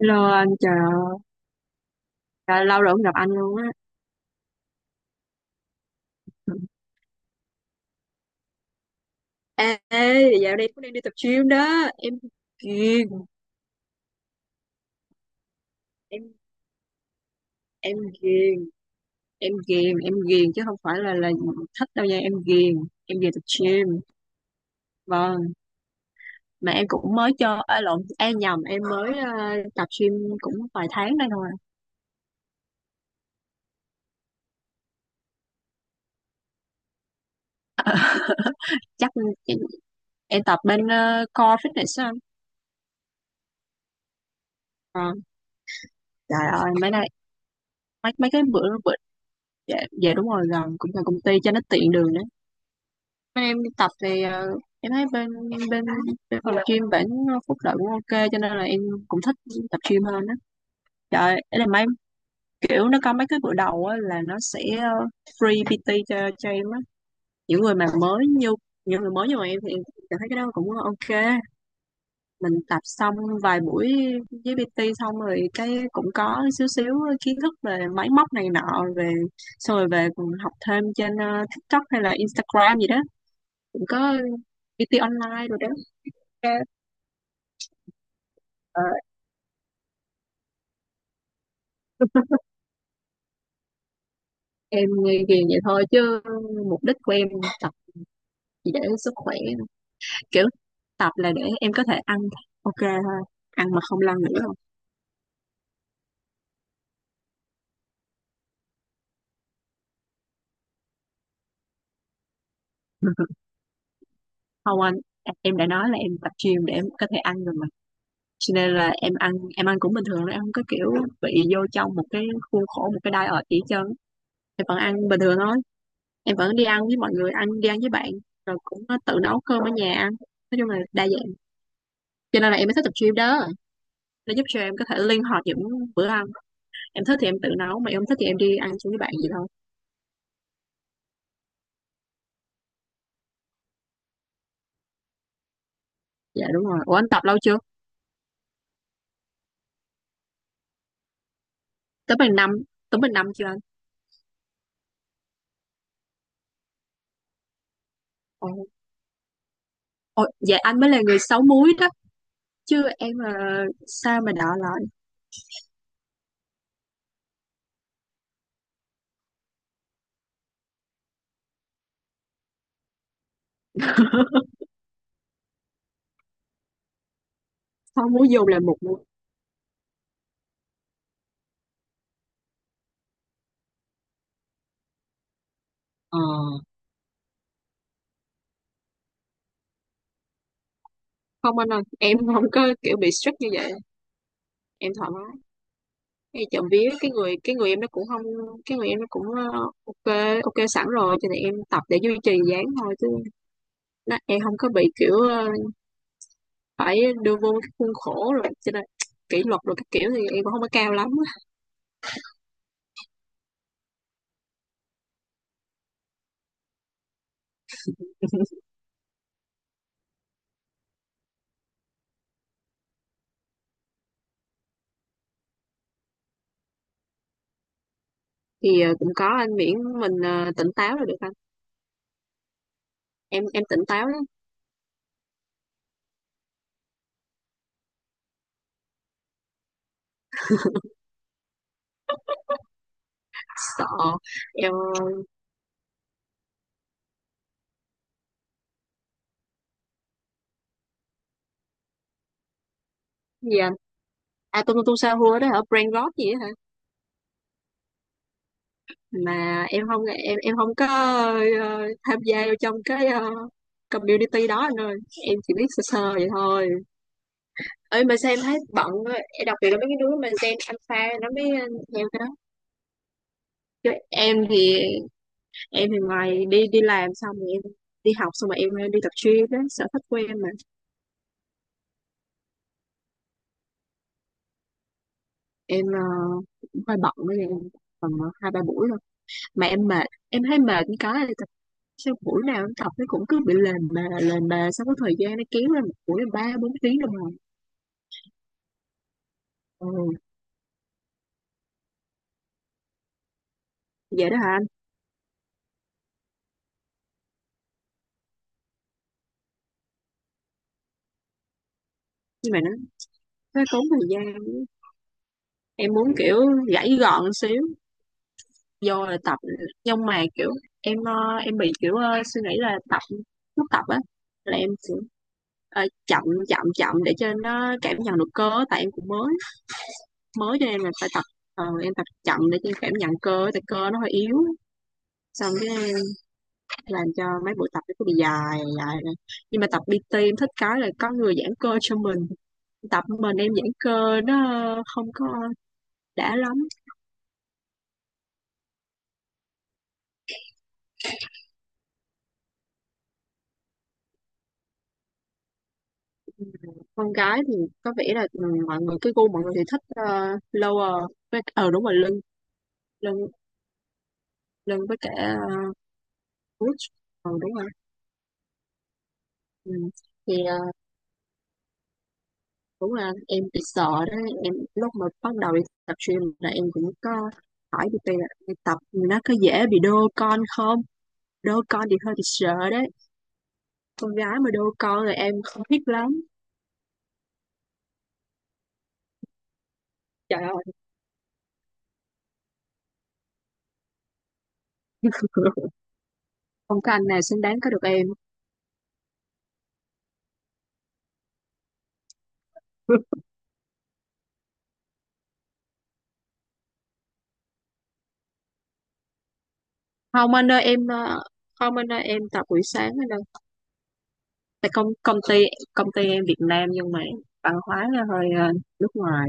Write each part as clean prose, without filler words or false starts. Hello anh, trời ơi, lâu rồi không gặp anh luôn á. Ê, ê, dạo đây cũng đang đi tập gym đó, ghiền, em em ghiền, em ghiền chứ không phải là thích đâu nha, em ghiền, em về tập gym. Vâng, mà em cũng mới cho, à, lộn, em nhầm, em mới tập gym cũng vài tháng đây thôi. Chắc em em tập bên Core Fitness á, anh. Ờ, trời ơi, mấy nay mấy mấy cái bữa bữa dạ, dạ đúng rồi gần cũng gần công ty cho nó tiện đường. Bên em đi tập thì em thấy bên bên bên phòng gym bản phúc lợi cũng ok, cho nên là em cũng thích tập gym hơn á. Trời ơi, ấy là mấy kiểu nó có mấy cái bữa đầu á là nó sẽ free PT cho em á. Những người mà mới như những người mới như mà em thì em cảm thấy cái đó cũng ok. Mình tập xong vài buổi với PT xong rồi cái cũng có xíu xíu kiến thức về máy móc này nọ về, xong rồi về còn học thêm trên TikTok hay là Instagram gì đó, cũng có PT online rồi đó. Cái, ờ, em nghe ghiền vậy thôi chứ mục đích của em tập chỉ để sức khỏe, kiểu tập là để em có thể ăn ok thôi, ăn mà không lo nghĩ không. Không anh, em đã nói là em tập gym để em có thể ăn rồi mà, cho nên là em ăn, em ăn cũng bình thường thôi, em không có kiểu bị vô trong một cái khuôn khổ, một cái diet gì hết trơn. Em vẫn ăn bình thường thôi, em vẫn đi ăn với mọi người, đi ăn với bạn, rồi cũng tự nấu cơm ở nhà ăn, nói chung là đa dạng. Cho nên là em mới thích tập gym đó, nó giúp cho em có thể linh hoạt những bữa ăn. Em thích thì em tự nấu, mà em không thích thì em đi ăn chung với bạn gì thôi. Dạ đúng rồi. Ủa anh tập lâu chưa? Tới bằng năm, chưa anh? Ồ ồ, dạ anh mới là người sáu múi đó, chứ em là sao mà đọ lọt. Sáu múi dù là một múi. Ờ không anh ơi, em không có kiểu bị strict như vậy, em thoải mái. Em chậm vía, cái người em nó cũng không, cái người em nó cũng ok, ok sẵn rồi, cho nên em tập để duy trì dáng thôi chứ. Nó, em không có bị kiểu phải đưa vô cái khuôn khổ rồi cho nên kỷ luật rồi các kiểu thì em cũng không có cao lắm. Thì cũng có anh, miễn mình tỉnh táo là được anh, em tỉnh táo lắm. Sợ, em gì anh? À tung tung sao hua đó hả, brain rot gì đó hả? Mà em không, em không có tham gia vô trong cái community đó anh ơi, em chỉ biết sơ sơ vậy thôi. Ơi mà sao em thấy bận quá. Em đặc biệt là mấy cái đứa mà gen alpha nó mới theo cái đó, chứ em thì, em thì ngoài đi đi làm xong rồi em đi học, xong rồi em đi tập gym, đó sở thích của em mà. Em cũng hơi bận, với em tầm hai ba buổi thôi. Mà em mệt, em thấy mệt, như cái là tập sao buổi nào em tập nó cũng cứ bị lềnh mà sau có thời gian nó kéo lên một buổi là ba bốn tiếng đồng hồ. Ừ, vậy đó hả anh? Nhưng mà nó tốn thời gian, em muốn kiểu gãy gọn xíu, vô là tập. Nhưng mà kiểu em em bị kiểu suy nghĩ là tập, lúc tập á là em sẽ ờ, chậm chậm chậm để cho nó cảm nhận được cơ á, tại em cũng mới, mới cho em là phải tập em tập chậm để cho em cảm nhận cơ, tại cơ nó hơi yếu. Xong cái em làm cho mấy buổi tập nó cứ bị dài dài này. Nhưng mà tập PT em thích cái là có người giãn cơ cho mình, tập mình em giãn cơ nó không có đã lắm. Con gái thì có vẻ là ừ, mọi người, cái gu mọi người thì thích lower với, ờ đúng rồi, lưng. lưng lưng với cả uh, ờ đúng rồi, ừ. Thì đúng là em bị sợ đó. Em lúc mà bắt đầu đi tập gym là em cũng có hỏi đi là đi tập nó có dễ bị đô con không, đô con thì hơi bị sợ đấy. Con gái mà đô con là em không thích lắm. Trời ơi không có anh nào xứng đáng có được em. Không anh ơi, em ờ, không anh ơi em tập buổi sáng anh ơi. Tại công công ty, công ty em Việt Nam nhưng mà văn hóa là hơi nước ngoài,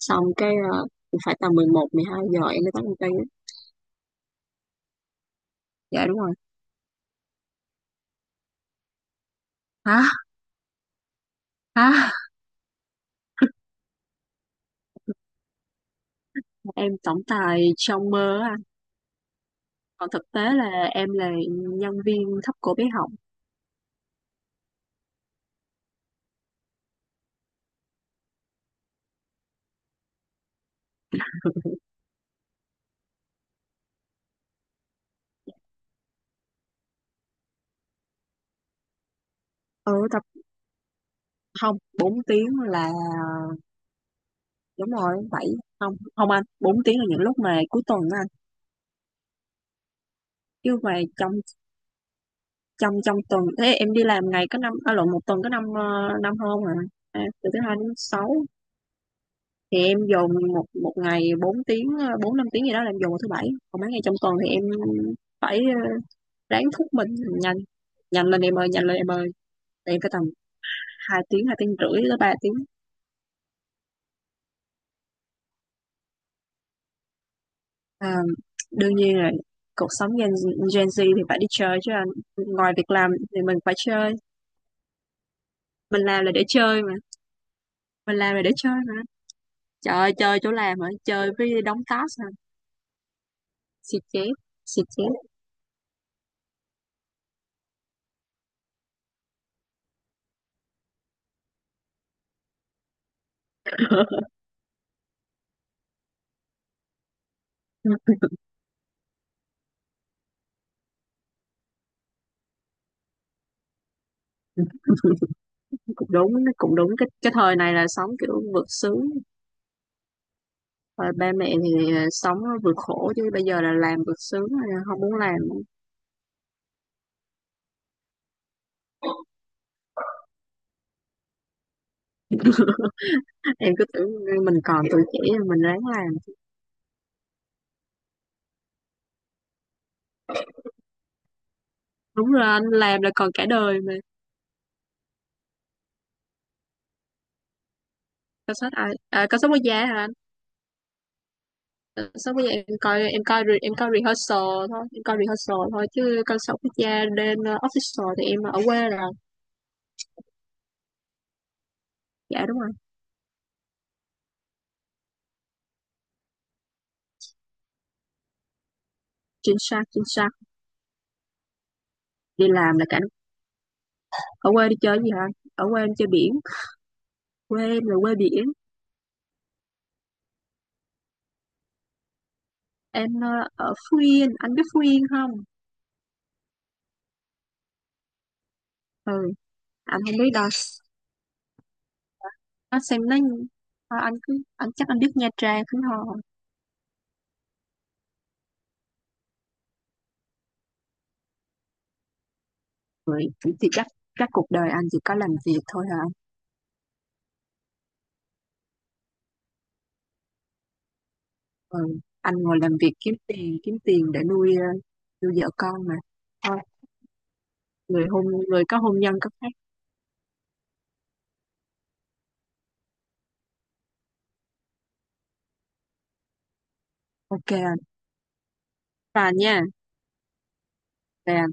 xong cái phải tầm mười một mười hai giờ em mới tới công ty á. Dạ đúng rồi. Hả. Hả. Em tổng tài trong mơ á anh, còn thực tế là em là nhân viên thấp cổ bé họng. Ở tập, không 4 tiếng là, đúng rồi bảy, không không anh, bốn tiếng là những lúc mà cuối tuần á anh. Chứ mà trong trong trong tuần, thế em đi làm ngày có năm, à, lộn, một tuần có năm năm hôm à. À, từ thứ hai đến sáu thì em dồn một một ngày 4 tiếng bốn năm tiếng gì đó là em dồn vào thứ bảy. Còn mấy ngày trong tuần thì em phải ráng thúc mình nhanh, nhanh lên em ơi, nhanh lên em ơi. Tại em phải tầm hai tiếng rưỡi tới ba tiếng. À, đương nhiên rồi, cuộc sống Gen Z thì phải đi chơi chứ anh, ngoài việc làm thì mình phải chơi. mình làm là để chơi mà mình làm là để chơi mà. Trời ơi, chơi chỗ làm hả, chơi với đóng task hả? Xì chét, xì chét cũng đúng, cũng đúng, cái thời này là sống kiểu vượt sướng, rồi ba mẹ thì sống vượt khổ, chứ bây giờ là làm vượt sướng, không muốn làm. Em cứ tưởng mình còn tuổi trẻ mình ráng làm. Đúng rồi anh, làm là còn cả đời mà. Cảnh sát à, à cảnh sát quốc gia hả anh? Cảnh sát quốc gia em coi, em coi rehearsal thôi, em coi rehearsal thôi, chứ cảnh sát quốc gia đến official thì em ở quê rồi. Dạ đúng rồi. Chính xác, chính xác. Đi làm là cảnh, ở quê đi chơi gì hả anh? Ở quê em chơi biển, quê em là quê biển. Em ở Phú Yên, anh biết Phú Yên không? Ừ, anh không biết đâu. Nó xem nó, thôi anh cứ, anh chắc anh biết Nha Trang đúng không? Rồi thì chắc, cuộc đời anh chỉ có làm việc thôi hả? Ừ. Anh ngồi làm việc kiếm tiền, để nuôi nuôi vợ con mà. Thôi, người có hôn nhân có phép. Ok anh. Bà nha. Bà.